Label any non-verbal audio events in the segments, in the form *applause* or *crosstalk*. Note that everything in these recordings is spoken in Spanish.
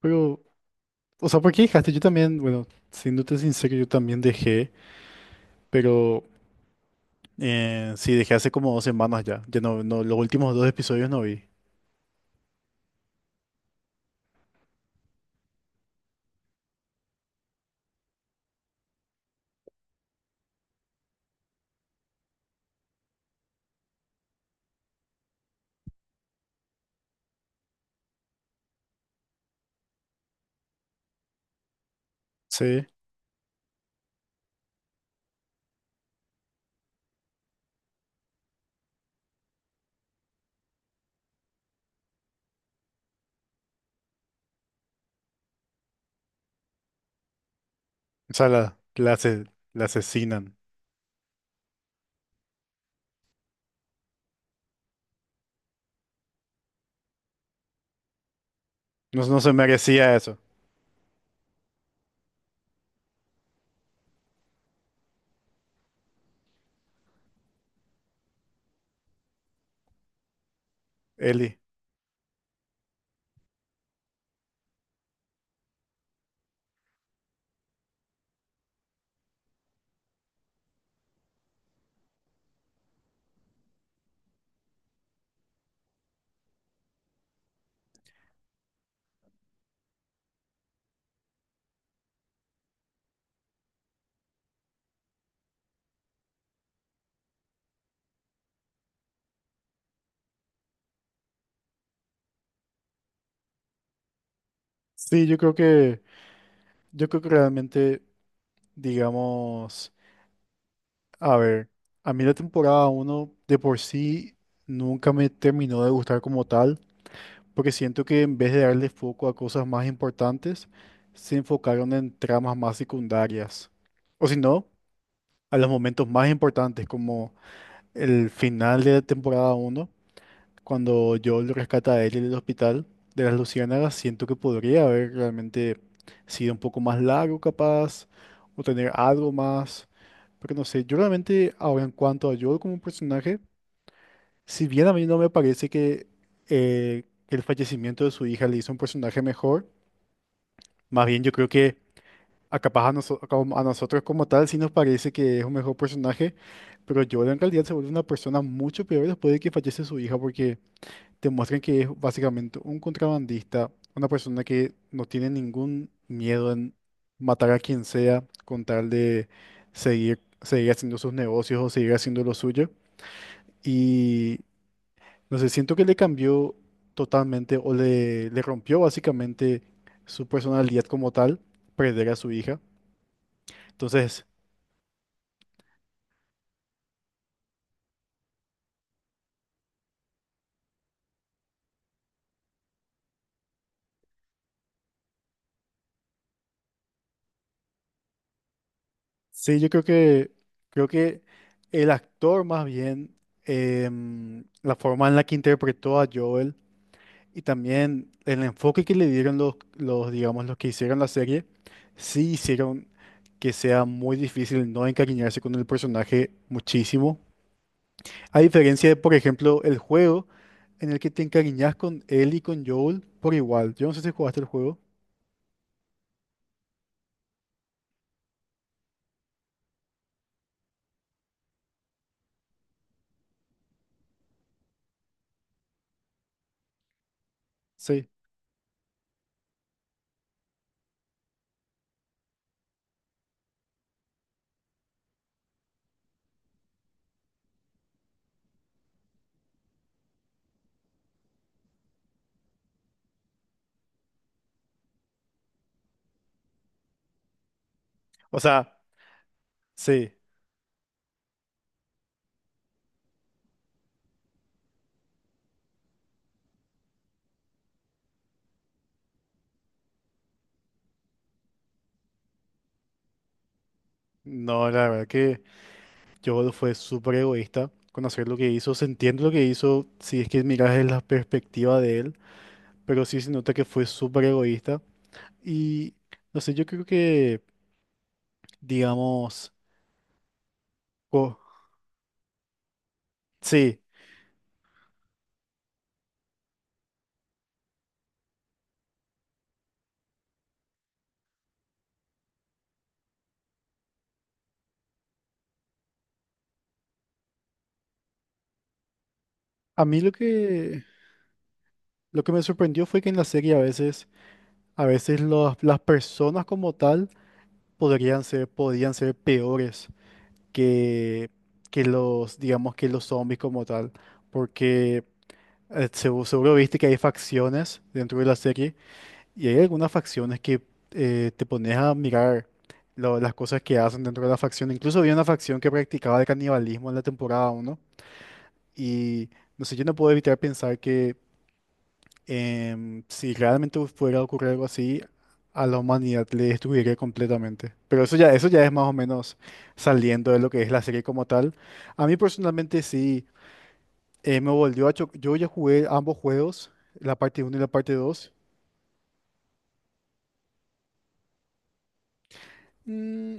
Pero, o sea, ¿por qué dejaste? Yo también, bueno, siéndote sincero, yo también dejé, pero sí, dejé hace como dos semanas ya. Ya no, los últimos dos episodios no vi. Sí. O sea, la asesinan. No, no se merecía eso, Eli. Sí, yo creo que realmente, digamos, a ver, a mí la temporada uno de por sí nunca me terminó de gustar como tal. Porque siento que en vez de darle foco a cosas más importantes, se enfocaron en tramas más secundarias. O si no, a los momentos más importantes, como el final de la temporada uno cuando Joel lo rescata a él en el hospital de las Luciérnagas, siento que podría haber realmente sido un poco más largo capaz, o tener algo más. Pero no sé, yo realmente ahora en cuanto a Joel como personaje, si bien a mí no me parece que el fallecimiento de su hija le hizo un personaje mejor, más bien yo creo que a capaz a nosotros como tal sí nos parece que es un mejor personaje, pero Joel en realidad se vuelve una persona mucho peor después de que fallece su hija porque te muestran que es básicamente un contrabandista, una persona que no tiene ningún miedo en matar a quien sea con tal de seguir haciendo sus negocios o seguir haciendo lo suyo. y No sé, siento que le cambió totalmente o le rompió básicamente su personalidad como tal, perder a su hija. Entonces, sí, creo que el actor más bien, la forma en la que interpretó a Joel y también el enfoque que le dieron digamos, los que hicieron la serie, sí hicieron que sea muy difícil no encariñarse con el personaje muchísimo. A diferencia de, por ejemplo, el juego, en el que te encariñas con él y con Joel por igual. Yo no sé si jugaste el juego. Sí. O sea, sí. No, la verdad que Joel fue súper egoísta con hacer lo que hizo. Se entiende lo que hizo si es que miras desde la perspectiva de él, pero sí se nota que fue súper egoísta. Y no sé, yo creo que, digamos, co- sí. A mí lo que me sorprendió fue que en la serie a veces las personas como tal podían ser peores que, que los, digamos que los zombies como tal, porque seguro, viste que hay facciones dentro de la serie y hay algunas facciones que te pones a mirar las cosas que hacen dentro de la facción. Incluso había una facción que practicaba el canibalismo en la temporada uno y no sé, yo no puedo evitar pensar que si realmente pudiera ocurrir algo así, a la humanidad le destruiría completamente. Pero eso ya es más o menos saliendo de lo que es la serie como tal. A mí personalmente sí, me volvió a chocar. Yo ya jugué ambos juegos, la parte uno y la parte dos. Mm,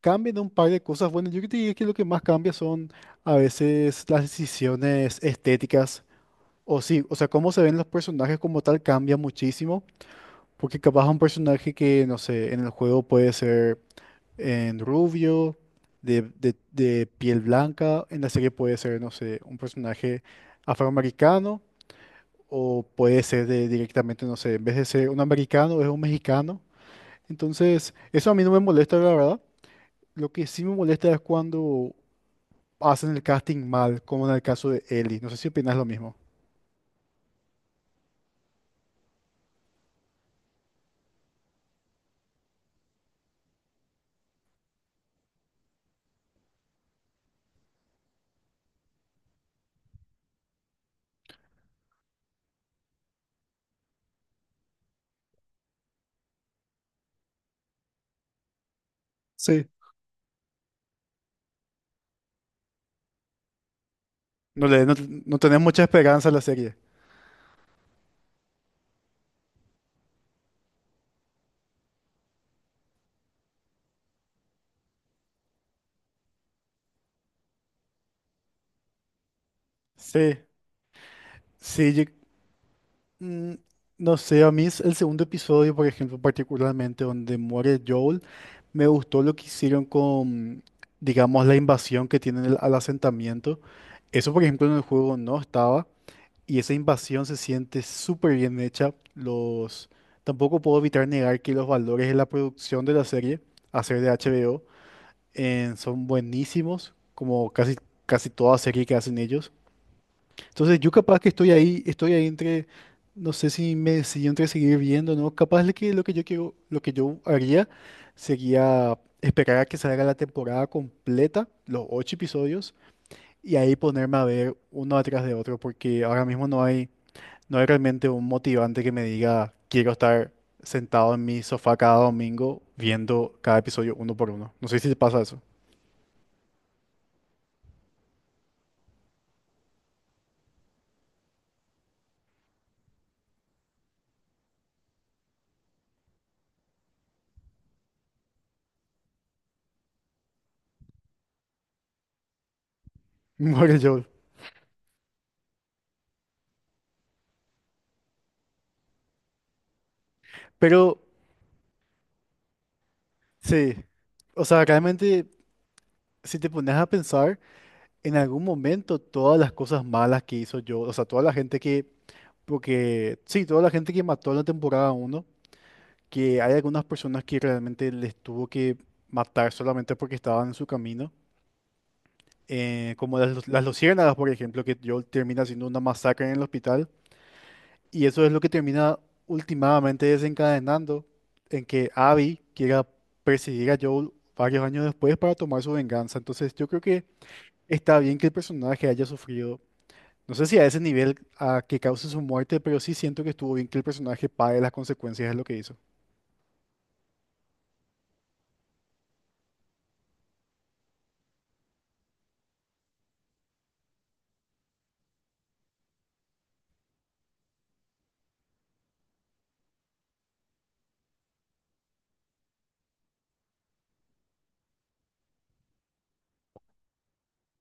cambian un par de cosas. Bueno, yo te diría que lo que más cambia son a veces las decisiones estéticas. O sí, o sea, cómo se ven los personajes como tal cambia muchísimo. Porque capaz un personaje que, no sé, en el juego puede ser en rubio, de piel blanca. En la serie puede ser, no sé, un personaje afroamericano o puede ser de, directamente, no sé, en vez de ser un americano, es un mexicano. Entonces, eso a mí no me molesta, la verdad. Lo que sí me molesta es cuando hacen el casting mal, como en el caso de Ellie. No sé si opinas lo mismo. Sí. No le, no, no tenés mucha esperanza en la serie. Sí, sí. Mm. No sé, a mí es el segundo episodio, por ejemplo, particularmente donde muere Joel, me gustó lo que hicieron con, digamos, la invasión que tienen al asentamiento. Eso, por ejemplo, en el juego no estaba y esa invasión se siente súper bien hecha. Los... Tampoco puedo evitar negar que los valores de la producción de la serie, a ser de HBO, son buenísimos, como casi, casi toda serie que hacen ellos. Entonces yo capaz que estoy ahí entre, no sé si entre seguir viendo, ¿no? Capaz de que lo que yo quiero, lo que yo haría sería esperar a que salga la temporada completa, los ocho episodios, y ahí ponerme a ver uno atrás de otro, porque ahora mismo no hay, no hay realmente un motivante que me diga quiero estar sentado en mi sofá cada domingo viendo cada episodio uno por uno. No sé si te pasa eso. *laughs* Muere Joel. Pero sí, o sea, realmente si te pones a pensar, en algún momento todas las cosas malas que hizo yo, o sea, toda la gente que, porque sí, toda la gente que mató en la temporada uno, que hay algunas personas que realmente les tuvo que matar solamente porque estaban en su camino, como las, las luciérnagas, por ejemplo, que yo termina siendo una masacre en el hospital, y eso es lo que termina últimamente desencadenando en que Abby quiera perseguir a Joel varios años después para tomar su venganza. Entonces, yo creo que está bien que el personaje haya sufrido. No sé si a ese nivel a que cause su muerte, pero sí siento que estuvo bien que el personaje pague las consecuencias de lo que hizo.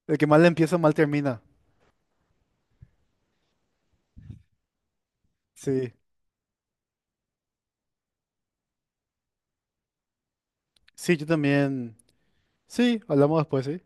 El que mal empieza, mal termina. Sí. Sí, yo también. Sí, hablamos después, ¿sí?